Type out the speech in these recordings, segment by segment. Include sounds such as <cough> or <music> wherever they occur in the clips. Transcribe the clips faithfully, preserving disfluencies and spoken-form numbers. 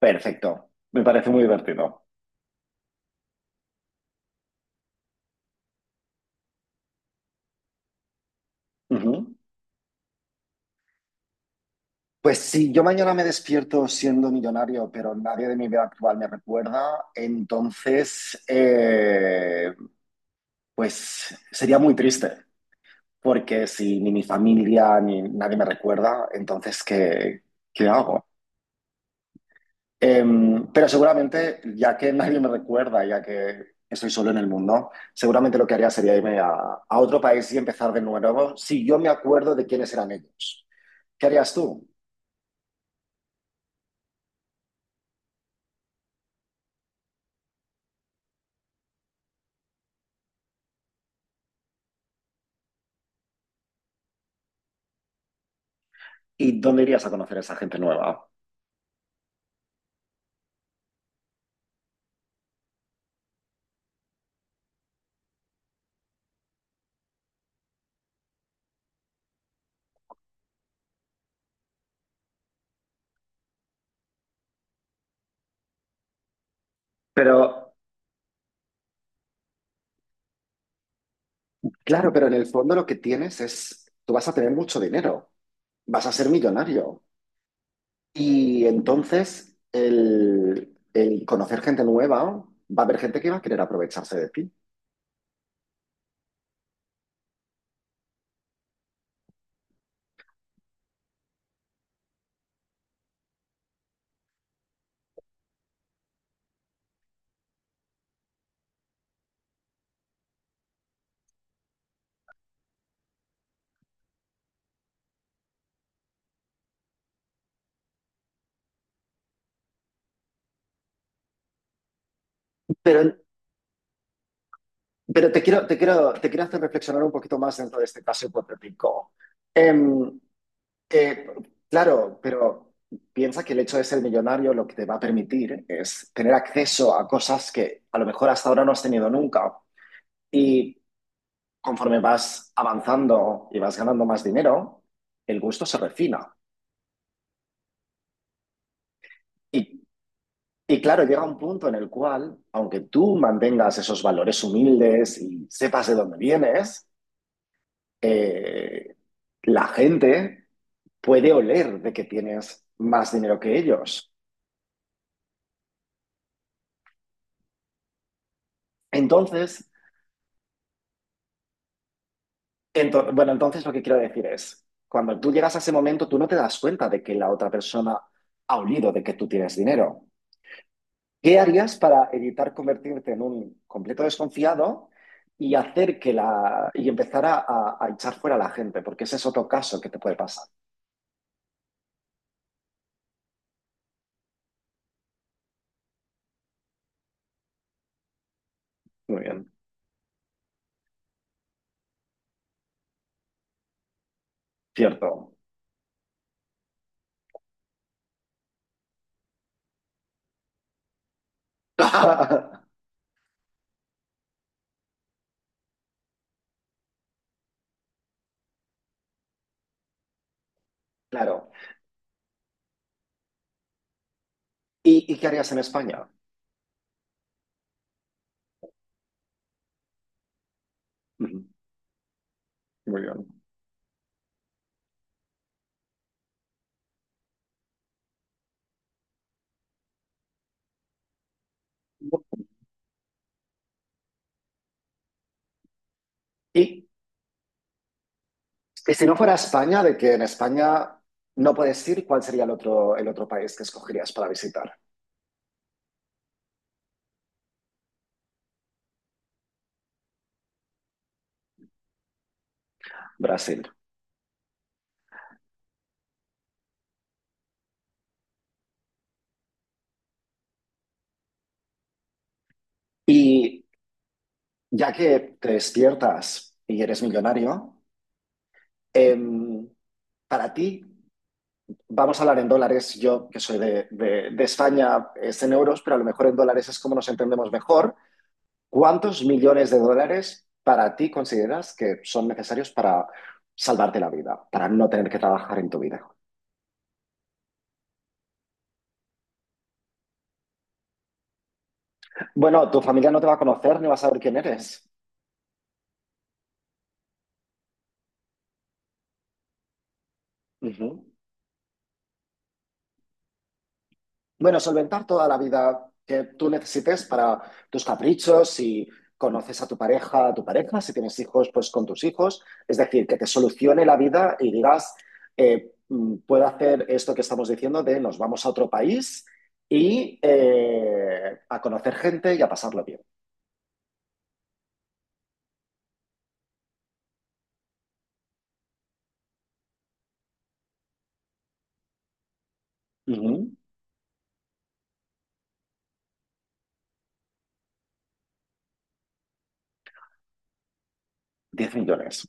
Perfecto, me parece muy divertido. Ujú. Pues si yo mañana me despierto siendo millonario, pero nadie de mi vida actual me recuerda, entonces, eh, pues sería muy triste, porque si ni mi familia ni nadie me recuerda, entonces, ¿qué, ¿qué hago? Em, pero seguramente, ya que nadie me recuerda, ya que estoy solo en el mundo, seguramente lo que haría sería irme a, a otro país y empezar de nuevo si yo me acuerdo de quiénes eran ellos. ¿Qué harías tú? ¿Y dónde irías a conocer a esa gente nueva? Pero, claro, pero en el fondo lo que tienes es, tú vas a tener mucho dinero, vas a ser millonario. Y entonces el, el conocer gente nueva, va a haber gente que va a querer aprovecharse de ti. Pero Pero te quiero, te quiero, te quiero hacer reflexionar un poquito más dentro de este caso hipotético. Em, eh, claro, pero piensa que el hecho de ser millonario lo que te va a permitir es tener acceso a cosas que a lo mejor hasta ahora no has tenido nunca. Y conforme vas avanzando y vas ganando más dinero, el gusto se refina. Y, y claro, llega un punto en el cual, aunque tú mantengas esos valores humildes y sepas de dónde vienes, eh, la gente puede oler de que tienes más dinero que ellos. Entonces, ento- bueno, entonces lo que quiero decir es, cuando tú llegas a ese momento, tú no te das cuenta de que la otra persona ha olido de que tú tienes dinero. ¿Qué harías para evitar convertirte en un completo desconfiado y hacer que la y empezar a, a- a echar fuera a la gente? Porque ese es otro caso que te puede pasar. Muy bien, cierto. <laughs> Claro. ¿Y, y qué harías en España? Ujú, muy bien. ¿Y Y si no fuera España, de que en España no puedes ir, ¿cuál sería el otro, el otro país que escogerías para visitar? Brasil. Y ya que te despiertas y eres millonario, em, para ti, vamos a hablar en dólares, yo que soy de, de- de España es en euros, pero a lo mejor en dólares es como nos entendemos mejor. ¿Cuántos millones de dólares para ti consideras que son necesarios para salvarte la vida, para no tener que trabajar en tu vida? Bueno, tu familia no te va a conocer ni va a saber quién eres. Ujú. Bueno, solventar toda la vida que tú necesites para tus caprichos, si conoces a tu pareja, a tu pareja, si tienes hijos, pues con tus hijos. Es decir, que te solucione la vida y digas, eh, mm, puedo hacer esto que estamos diciendo de nos vamos a otro país y eh, a conocer gente y a pasarlo bien. Ujú. diez millones.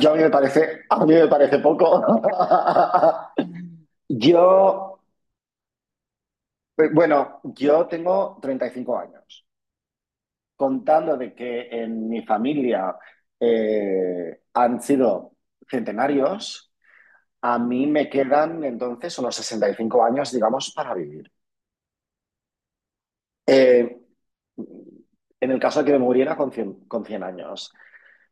Yo a mí me parece, a mí me parece poco. <laughs> Yo, eh, bueno, yo tengo treinta y cinco años. Contando de que en mi familia eh, han sido centenarios, a mí me quedan entonces unos sesenta y cinco años, digamos, para vivir. Eh, en el caso de que me muriera con cien con cien años,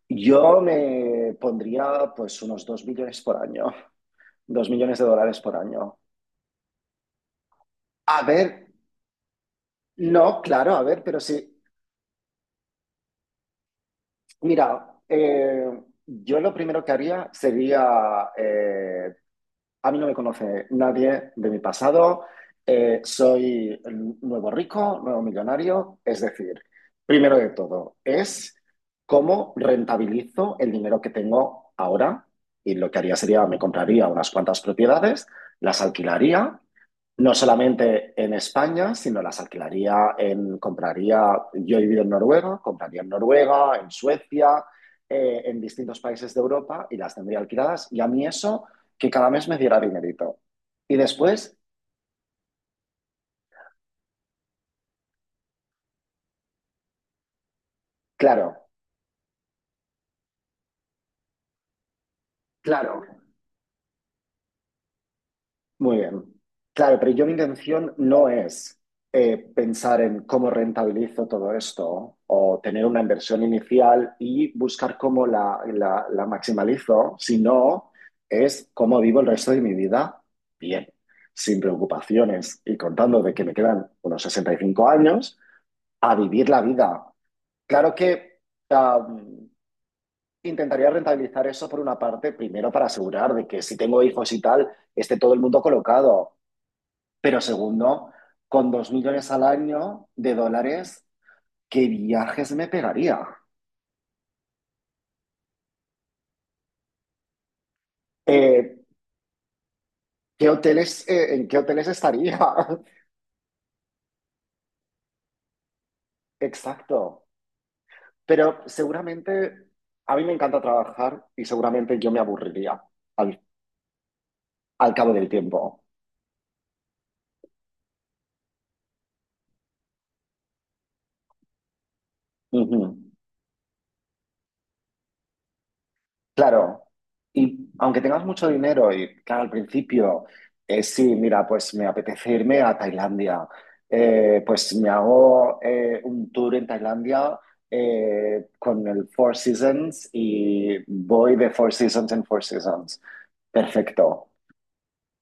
yo me pondría pues unos dos millones por año, dos millones de dólares por año. A ver, no, claro, a ver, pero sí, mira, eh, yo lo primero que haría sería eh, a mí no me conoce nadie de mi pasado. Eh, soy el nuevo rico, nuevo millonario. Es decir, primero de todo, es cómo rentabilizo el dinero que tengo ahora. Y lo que haría sería, me compraría unas cuantas propiedades, las alquilaría no solamente en España, sino las alquilaría en, compraría, yo he vivido en Noruega, compraría en Noruega, en Suecia, eh, en distintos países de Europa y las tendría alquiladas. Y a mí eso, que cada mes me diera dinerito. Y después, claro, claro, muy bien. Claro, pero yo mi intención no es eh, pensar en cómo rentabilizo todo esto o tener una inversión inicial y buscar cómo la, la, la maximalizo, sino es cómo vivo el resto de mi vida bien, sin preocupaciones y contando de que me quedan unos sesenta y cinco años a vivir la vida. Claro que am, intentaría rentabilizar eso por una parte, primero para asegurar de que si tengo hijos y tal, esté todo el mundo colocado, pero segundo, con dos millones al año de dólares, ¿qué viajes me pegaría? Eh, ¿qué hoteles, eh, en qué hoteles estaría? <laughs> Exacto. Pero seguramente a mí me encanta trabajar y seguramente yo me aburriría al, al cabo del tiempo. Ujú. Claro, y aunque tengas mucho dinero y claro, al principio, eh, sí, mira, pues me apetece irme a Tailandia, eh, pues me hago eh, un tour en Tailandia eh, con el Four Seasons y voy de Four Seasons en Four Seasons. Perfecto.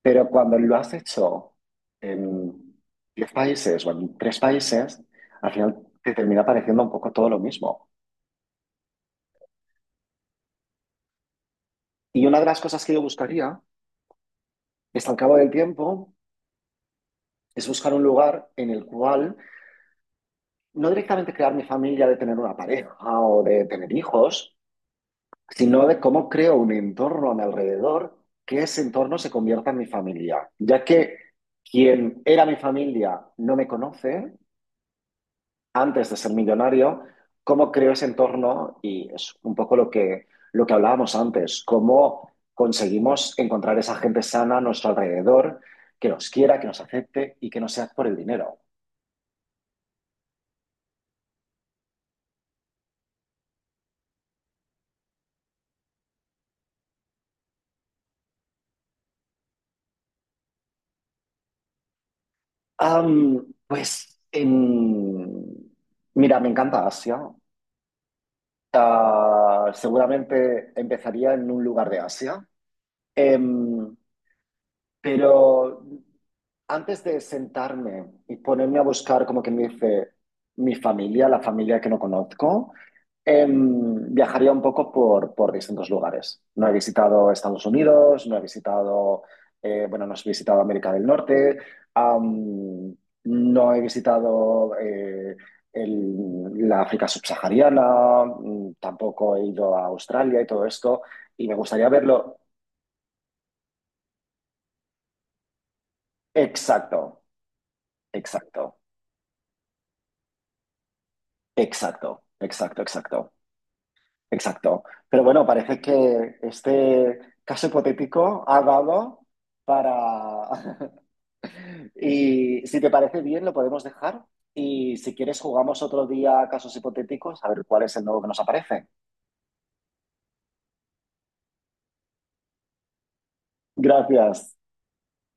Pero cuando lo has hecho en diez países o en tres países, al final te termina pareciendo un poco todo lo mismo. Y una de las cosas que yo buscaría es al cabo del tiempo es buscar un lugar en el cual no directamente crear mi familia de tener una pareja o de tener hijos, sino de cómo creo un entorno a mi alrededor que ese entorno se convierta en mi familia, ya que quien era mi familia no me conoce antes de ser millonario, cómo creo ese entorno y es un poco lo que, lo que hablábamos antes, cómo conseguimos encontrar esa gente sana a nuestro alrededor que nos quiera, que nos acepte y que no sea por el dinero. Am, pues, en... mira, me encanta Asia. Ah, seguramente empezaría en un lugar de Asia. Em, pero antes de sentarme y ponerme a buscar, como que me dice, mi familia, la familia que no conozco, em, viajaría un poco por, por distintos lugares. No he visitado Estados Unidos, no he visitado, eh, bueno, no he visitado América del Norte, am, no he visitado eh, el- la África subsahariana, mm, tampoco he ido a Australia y todo esto, y me gustaría verlo. Exacto, exacto, exacto, exacto, exacto. Exacto. Pero bueno, parece que este caso hipotético ha dado para... <laughs> Y si te parece bien, lo podemos dejar. Y si quieres, jugamos otro día a casos hipotéticos, a ver cuál es el nuevo que nos aparece. Gracias.